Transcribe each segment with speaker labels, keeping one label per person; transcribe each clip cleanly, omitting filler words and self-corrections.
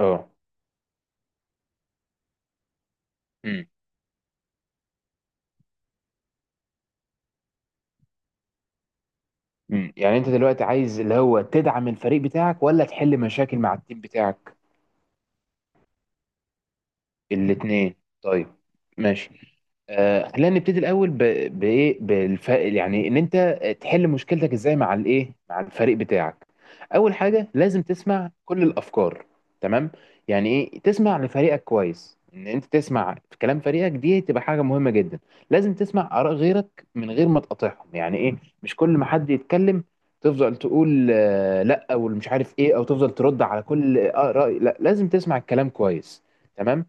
Speaker 1: اه. امم. يعني انت دلوقتي عايز اللي هو تدعم الفريق بتاعك ولا تحل مشاكل مع التيم بتاعك؟ الاتنين. طيب. ماشي. خلينا نبتدي الاول يعني ان انت تحل مشكلتك ازاي مع مع الفريق بتاعك. اول حاجه لازم تسمع كل الافكار. تمام. يعني ايه تسمع لفريقك كويس؟ ان انت تسمع في كلام فريقك دي تبقى حاجه مهمه جدا. لازم تسمع اراء غيرك من غير ما تقاطعهم. يعني ايه؟ مش كل ما حد يتكلم تفضل تقول لا او مش عارف ايه او تفضل ترد على كل اراء. لا، لازم تسمع الكلام كويس. تمام.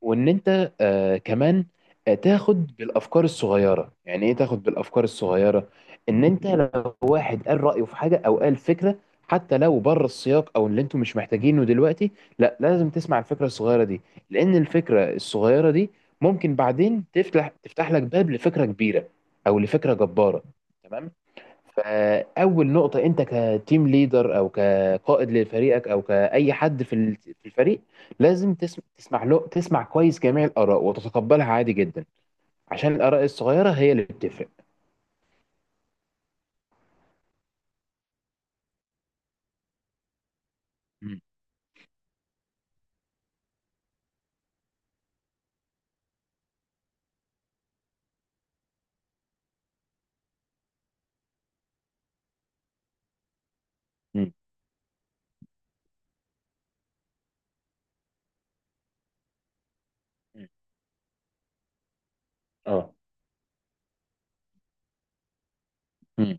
Speaker 1: وان انت آه كمان تاخد بالافكار الصغيره. يعني ايه تاخد بالافكار الصغيره؟ ان انت لو واحد قال رايه في حاجه او قال فكره، حتى لو بره السياق او اللي انتوا مش محتاجينه دلوقتي، لا لازم تسمع الفكره الصغيره دي. لان الفكره الصغيره دي ممكن بعدين تفتح لك باب لفكره كبيره او لفكره جباره. تمام. فاول نقطه انت كتيم ليدر او كقائد لفريقك او كاي حد في في الفريق، لازم تسمع له، تسمع كويس جميع الاراء وتتقبلها عادي جدا، عشان الاراء الصغيره هي اللي بتفرق. مم. مم. مم. اه. مم.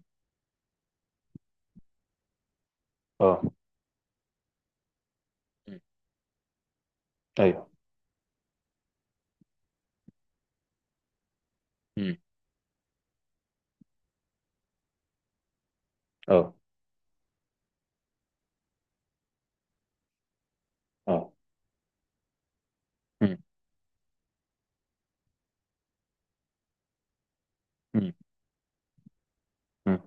Speaker 1: اه. مم. ايوه. مم. اه. اه. مم. مم. مم.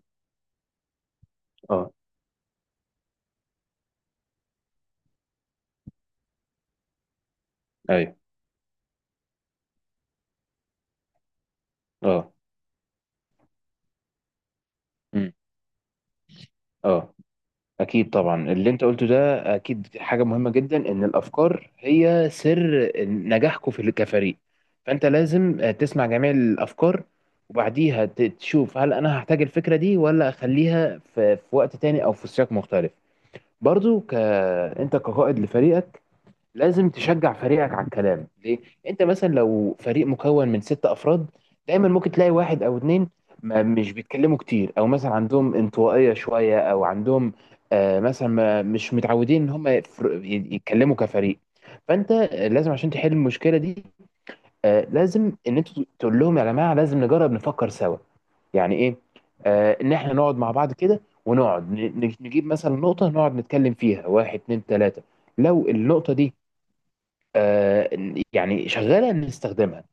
Speaker 1: اه. ايوه. اه. مم. اه. أكيد طبعا اللي أنت قلته ده أكيد حاجة مهمة جدا. إن الأفكار هي سر نجاحكم في كفريق. فأنت لازم تسمع جميع الأفكار وبعديها تشوف هل أنا هحتاج الفكرة دي ولا أخليها في وقت تاني أو في سياق مختلف. برضو أنت كقائد لفريقك لازم تشجع فريقك على الكلام. ليه؟ انت مثلا لو فريق مكون من ست افراد، دايما ممكن تلاقي واحد او اتنين ما مش بيتكلموا كتير، او مثلا عندهم انطوائية شوية، او عندهم آه مثلا ما مش متعودين ان هم يتكلموا كفريق. فانت لازم عشان تحل المشكلة دي، آه لازم ان انت تقول لهم يا جماعة لازم نجرب نفكر سوا. يعني ايه؟ آه ان احنا نقعد مع بعض كده ونقعد نجيب مثلا نقطة نقعد نتكلم فيها واحد اتنين تلاتة. لو النقطة دي آه، يعني شغاله ان نستخدمها.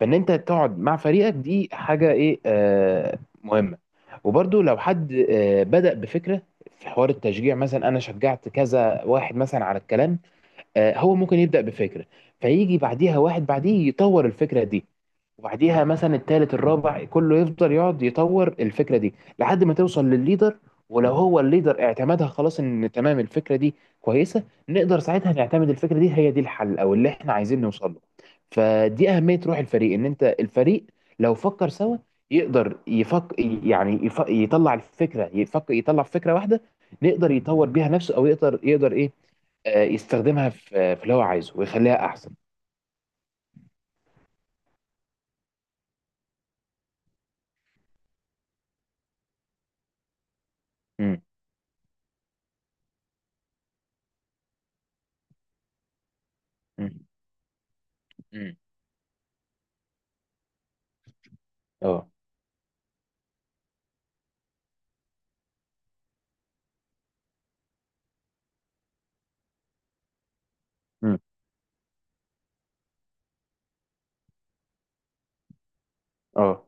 Speaker 1: فان انت تقعد مع فريقك دي حاجه ايه مهمه. وبرضو لو حد بدأ بفكره في حوار التشجيع، مثلا انا شجعت كذا واحد مثلا على الكلام، هو ممكن يبدأ بفكرة، فيجي بعديها واحد بعديه يطور الفكرة دي، وبعديها مثلا التالت الرابع كله يفضل يقعد يطور الفكرة دي لحد ما توصل للليدر. ولو هو الليدر اعتمدها، خلاص ان تمام الفكرة دي كويسة، نقدر ساعتها نعتمد الفكرة دي هي دي الحل او اللي احنا عايزين نوصل له. فدي أهمية روح الفريق. ان انت الفريق لو فكر سوا يقدر يفك، يعني يطلع الفكرة، يطلع فكرة واحدة نقدر يطور بيها نفسه، او يقدر يقدر ايه يستخدمها في اللي هو عايزه ويخليها احسن. امم. امم. امم. اه. امم. اه.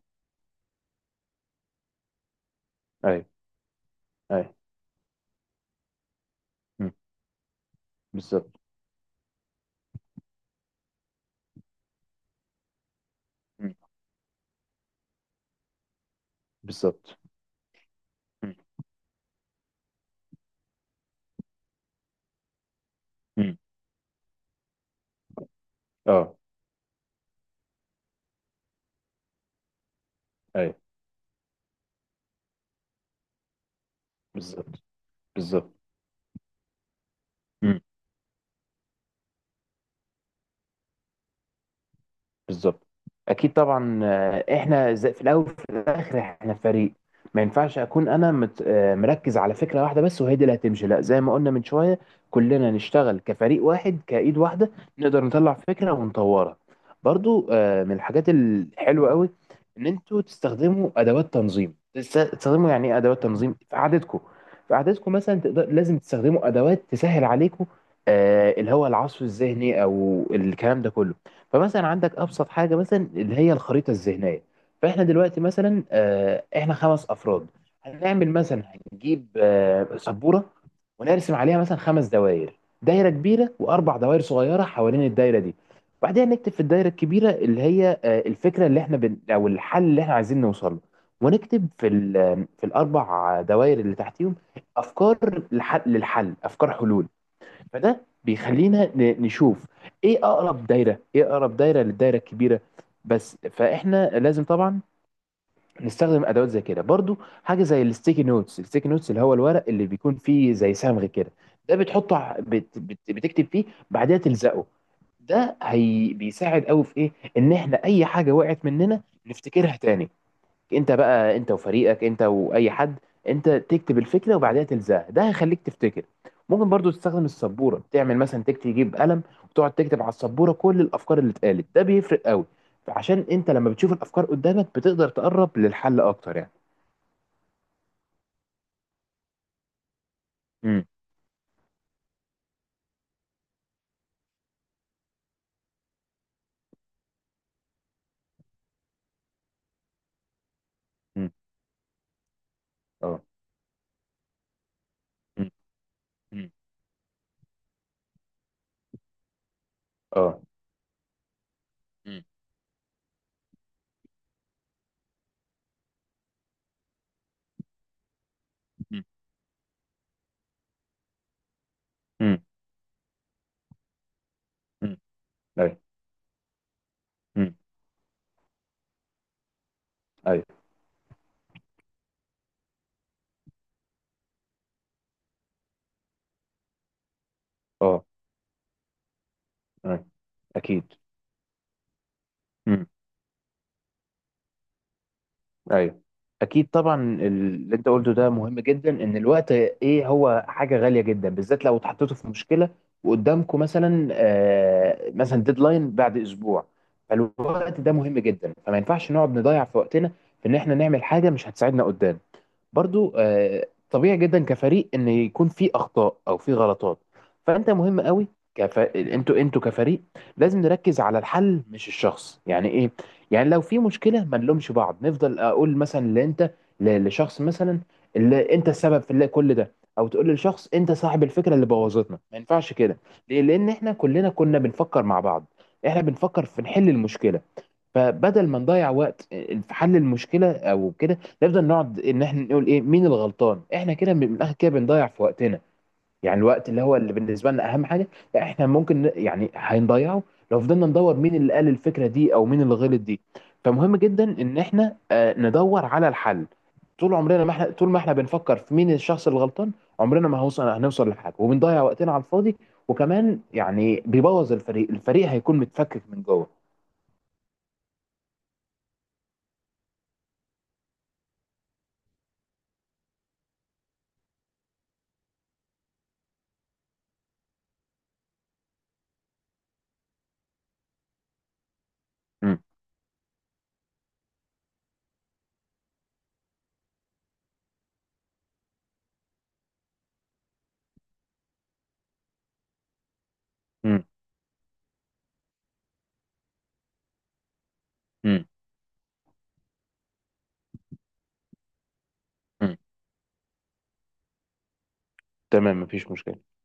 Speaker 1: ايوه. ايوه. امم. بالظبط. امم. بالظبط. امم. امم. اه. ايوه. بالظبط. بالظبط. بالظبط. اكيد طبعا احنا زي في الاول وفي الاخر احنا فريق. ما ينفعش اكون انا مركز على فكره واحده بس وهي دي اللي هتمشي. لا زي ما قلنا من شويه، كلنا نشتغل كفريق واحد كايد واحده نقدر نطلع فكره ونطورها. برضو من الحاجات الحلوه قوي ان انتوا تستخدموا ادوات تنظيم، تستخدموا يعني ايه ادوات تنظيم في قعدتكم. في قعدتكم مثلا تقدر لازم تستخدموا ادوات تسهل عليكم اللي هو العصف الذهني او الكلام ده كله. فمثلا عندك ابسط حاجه مثلا اللي هي الخريطه الذهنيه. فاحنا دلوقتي مثلا احنا خمس افراد، هنعمل مثلا، هنجيب سبوره ونرسم عليها مثلا خمس دوائر، دايره كبيره واربع دوائر صغيره حوالين الدايره دي. وبعدها نكتب في الدايره الكبيره اللي هي الفكره اللي احنا او الحل اللي احنا عايزين نوصل له. ونكتب في ال... آه، في الاربع دوائر اللي تحتيهم افكار للحل, افكار حلول. فده بيخلينا نشوف ايه اقرب دايره، ايه اقرب دايره للدايره الكبيره بس. فاحنا لازم طبعا نستخدم ادوات زي كده برضو، حاجه زي الستيكي نوتس. الستيكي نوتس اللي هو الورق اللي بيكون فيه زي صمغ كده، ده بتحطه ع- بت بت بتكتب فيه، بعدها تلزقه. ده هي بيساعد قوي في ايه؟ ان احنا اي حاجه وقعت مننا نفتكرها تاني. انت بقى انت وفريقك انت واي حد انت تكتب الفكره وبعدها تلزقها، ده هيخليك تفتكر. ممكن برضو تستخدم السبوره، تعمل مثلا تكتب، تجيب قلم وتقعد تكتب على السبوره كل الافكار اللي اتقالت. ده بيفرق قوي. فعشان انت لما بتشوف الافكار قدامك بتقدر تقرب للحل اكتر يعني. امم. امم. اه. امم. امم. اه. امم. امم. امم. امم. ايوه. امم. ايوه. اه. أيوة. اكيد. مم. ايوه. اكيد طبعا اللي انت قلته ده مهم جدا. ان الوقت ايه هو حاجه غاليه جدا بالذات لو اتحطيتوا في مشكله، وقدامكم مثلا آه مثلا ديدلاين بعد اسبوع. فالوقت ده مهم جدا، فما ينفعش نقعد نضيع في وقتنا في ان احنا نعمل حاجه مش هتساعدنا قدام. برضو طبيعي جدا كفريق ان يكون في اخطاء او في غلطات. فانت مهم قوي، انتوا كفريق لازم نركز على الحل مش الشخص. يعني ايه؟ يعني لو في مشكله ما نلومش بعض، نفضل اقول مثلا لانت لشخص مثلا اللي انت السبب في اللي كل ده، او تقول للشخص انت صاحب الفكره اللي بوظتنا ما ينفعش كده. ليه؟ لان احنا كلنا كنا بنفكر مع بعض، احنا بنفكر في نحل المشكله. فبدل ما نضيع وقت في حل المشكله او كده، نفضل نقعد ان احنا نقول ايه مين الغلطان. احنا كده من الاخر كده بنضيع في وقتنا. يعني الوقت اللي هو اللي بالنسبه لنا اهم حاجه، لا احنا ممكن يعني هنضيعه لو فضلنا ندور مين اللي قال الفكره دي او مين اللي غلط دي. فمهم جدا ان احنا ندور على الحل. طول عمرنا ما احنا، طول ما احنا بنفكر في مين الشخص الغلطان عمرنا ما هنوصل لحاجه، وبنضيع وقتنا على الفاضي. وكمان يعني بيبوظ الفريق، الفريق هيكون متفكك من جوه. مم. مم. مم. مم. تمام مفيش مشكلة.